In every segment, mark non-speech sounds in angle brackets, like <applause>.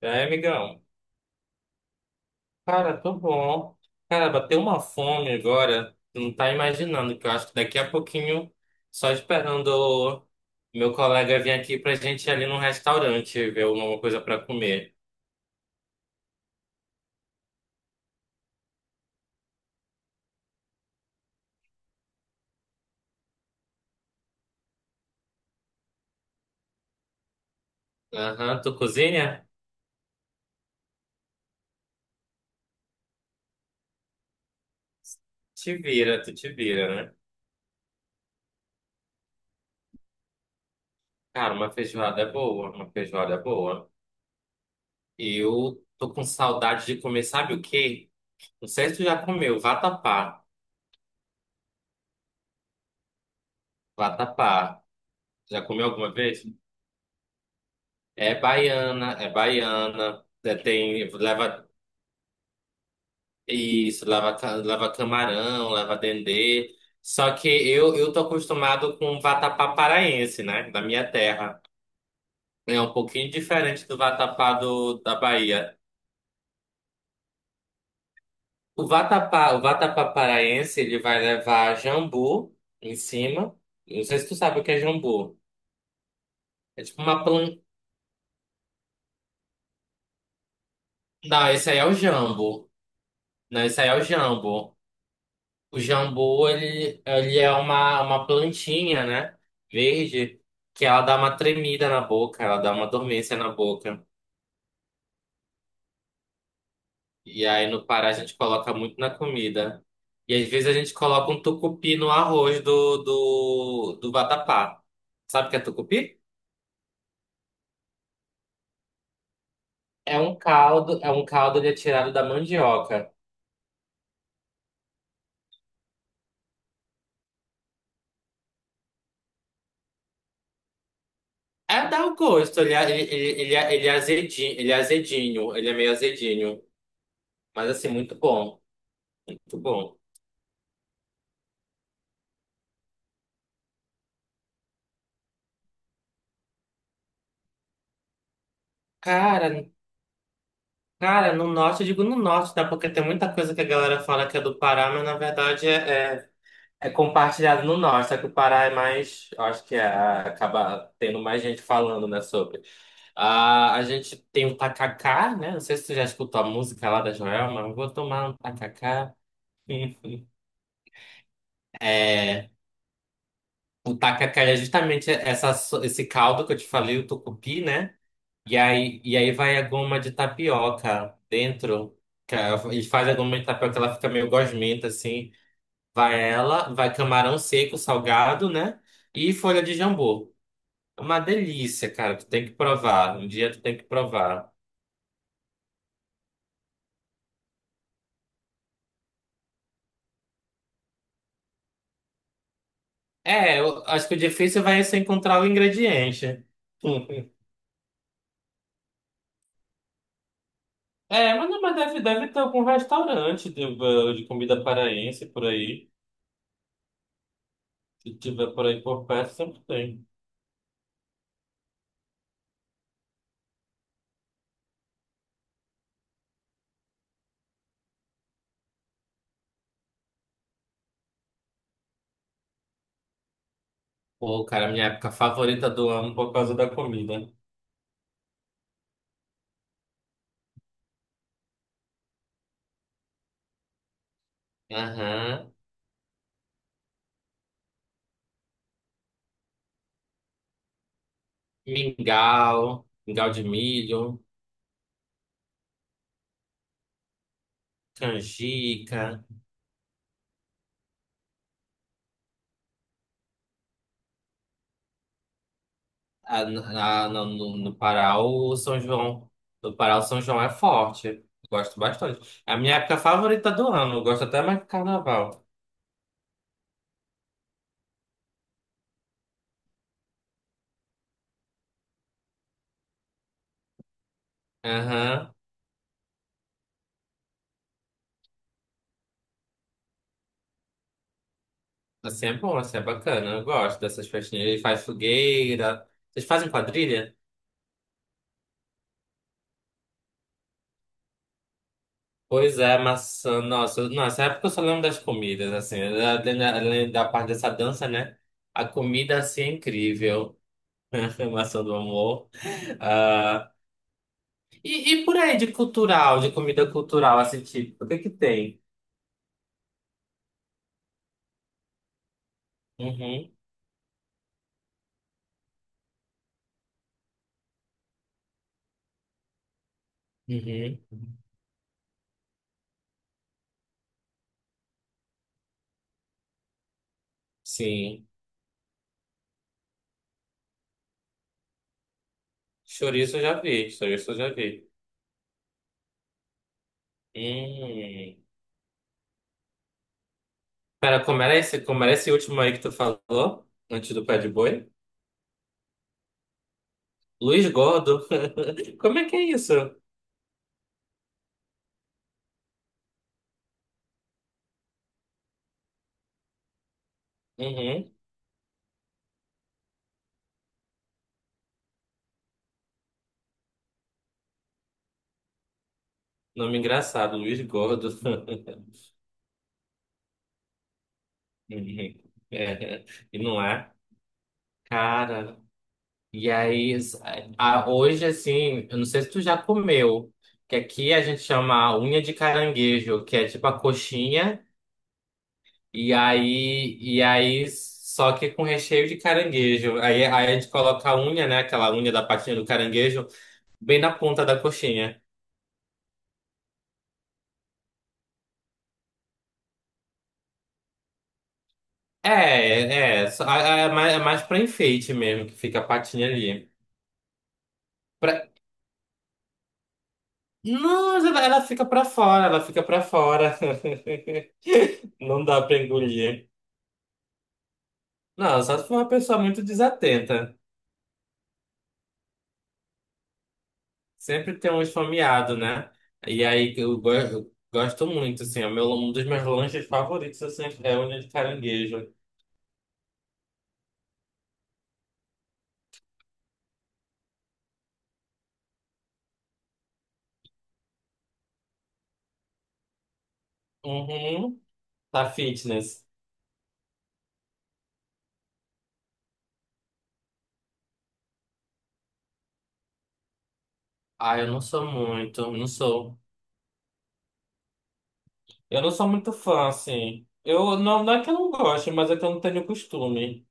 E aí, amigão? Cara, tô bom. Cara, bateu uma fome agora. Tu não tá imaginando, que eu acho que daqui a pouquinho, só esperando o meu colega vir aqui pra gente ir ali num restaurante ver alguma coisa pra comer. Aham, tu cozinha? Te vira, tu te vira, né? Cara, uma feijoada é boa, uma feijoada é boa. E eu tô com saudade de comer, sabe o quê? Não sei se tu já comeu, vatapá. Vatapá. Já comeu alguma vez? É baiana, é baiana, é, tem, leva isso, leva, leva camarão, leva dendê. Só que eu tô acostumado com vatapá paraense, né? Da minha terra. É um pouquinho diferente do vatapá da Bahia. O vatapá paraense, ele vai levar jambu em cima. Não sei se tu sabe o que é jambu. É tipo uma planta. Não, esse aí é o jambo. Não, esse aí é o jambo. O jambu, ele é uma plantinha, né? Verde, que ela dá uma tremida na boca, ela dá uma dormência na boca. E aí no Pará a gente coloca muito na comida. E às vezes a gente coloca um tucupi no arroz do vatapá. Sabe o que é tucupi? É um caldo ele é tirado da mandioca. É, dá o gosto, ele é azedinho, ele é azedinho, ele é meio azedinho. Mas assim, muito bom, muito bom. Cara, Cara, no norte, eu digo no norte, tá? Porque tem muita coisa que a galera fala que é do Pará, mas na verdade é compartilhado no norte. Só que o Pará é mais. Eu acho que é, acaba tendo mais gente falando, né? Sobre. Ah, a gente tem o tacacá, né? Não sei se tu já escutou a música lá da Joelma, mas vou tomar um tacacá. É, o tacacá é justamente essa, esse caldo que eu te falei, o tucupi, né? E aí vai a goma de tapioca dentro. E faz a goma de tapioca, ela fica meio gosmenta, assim. Vai ela, vai camarão seco, salgado, né? E folha de jambu. É uma delícia, cara. Tu tem que provar. Um dia tu tem que provar. É, eu acho que o difícil vai ser encontrar o ingrediente. <laughs> É, mas, não, mas deve, deve ter algum restaurante de, de comida paraense por aí. Se tiver por aí por perto, sempre tem. Pô, cara, minha época favorita do ano por causa da comida. Aham. Mingau de milho, canjica. Ah, no Pará, o São João. No Pará, o São João é forte. Gosto bastante. É a minha época favorita do ano. Eu gosto até mais que carnaval. Aham. Assim é bom, assim é bacana. Eu gosto dessas festinhas. Ele faz fogueira. Vocês fazem quadrilha? Pois é, maçã. Nossa, nessa época eu só lembro das comidas, assim. Além da parte dessa dança, né? A comida, assim, é incrível. <laughs> Maçã do amor. E por aí de cultural, de comida cultural, assim, tipo, o que que tem? Uhum, uhum. Sim. Chouriço eu já vi, chouriço eu já vi. Hum. Pera, como era esse último aí que tu falou? Antes do pé de boi? Luiz Gordo. <laughs> Como é que é isso? Uhum. Nome engraçado, Luiz Gordo. <laughs> Uhum. É. E não é? Cara, E aí, s- hoje, assim, eu não sei se tu já comeu, que aqui a gente chama unha de caranguejo, que é tipo a coxinha, e aí só que com recheio de caranguejo. Aí a gente coloca a unha, né, aquela unha da patinha do caranguejo, bem na ponta da coxinha. É mais pra enfeite mesmo, que fica a patinha ali. Pra... Não, ela fica pra fora, ela fica pra fora. <laughs> Não dá pra engolir. Não, só se for uma pessoa muito desatenta. Sempre tem um esfomeado, né? E aí que eu gosto muito, assim. É o meu, um dos meus lanches favoritos assim, é unha de caranguejo. Uhum. Tá fitness. Ah, eu não sou muito, não sou. Eu não sou muito fã, assim. Eu não, não é que eu não goste, mas é que eu não tenho costume.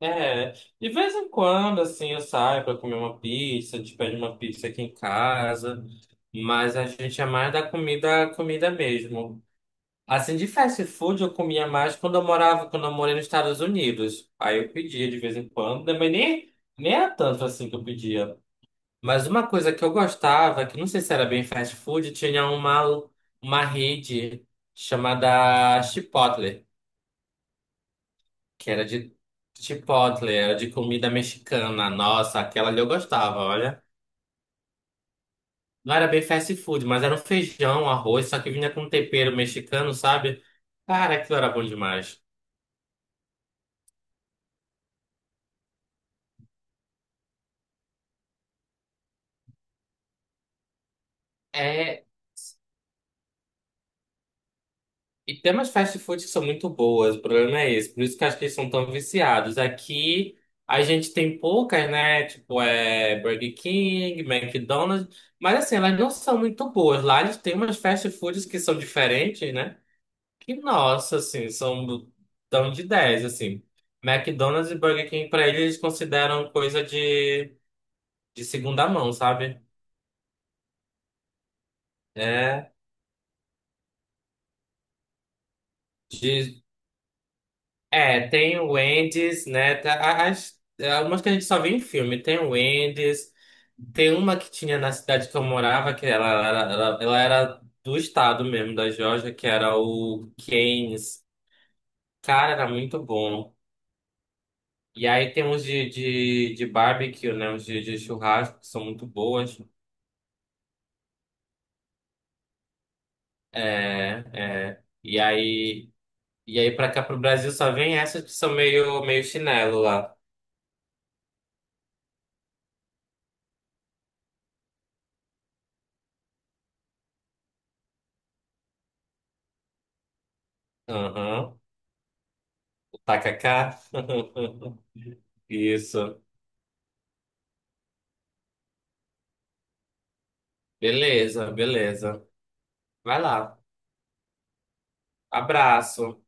É. De vez em quando, assim, eu saio pra comer uma pizza, a gente pede uma pizza aqui em casa. Mas a gente é mais da comida mesmo. Assim, de fast food eu comia mais quando eu morei nos Estados Unidos. Aí eu pedia de vez em quando, né, nem era tanto assim que eu pedia. Mas uma coisa que eu gostava, que não sei se era bem fast food, tinha uma rede chamada Chipotle, que era de Chipotle, era de comida mexicana. Nossa, aquela ali eu gostava, olha. Não era bem fast food, mas era um feijão, arroz, só que vinha com tempero mexicano, sabe? Cara, aquilo era bom demais. É, e tem umas fast foods que são muito boas, o problema é esse. Por isso que eu acho que eles são tão viciados. Aqui a gente tem poucas, né? Tipo, é Burger King, McDonald's. Mas assim, elas não são muito boas. Lá eles têm umas fast foods que são diferentes, né? Que, nossa, assim, tão de 10 assim. McDonald's e Burger King, pra eles, eles consideram coisa de segunda mão, sabe? É. É, tem o Wendy's, né? As, algumas que a gente só vê em filme. Tem o Wendy's, tem uma que tinha na cidade que eu morava, que ela era do estado mesmo, da Geórgia, que era o Cane's. Cara, era muito bom. E aí tem uns de barbecue, né? Uns de churrasco, que são muito boas. É, é. E aí pra cá, pro Brasil, só vem essas que são meio, meio chinelo lá. Aham, o tacacá. <laughs> Isso. Beleza, beleza. Vai lá. Abraço.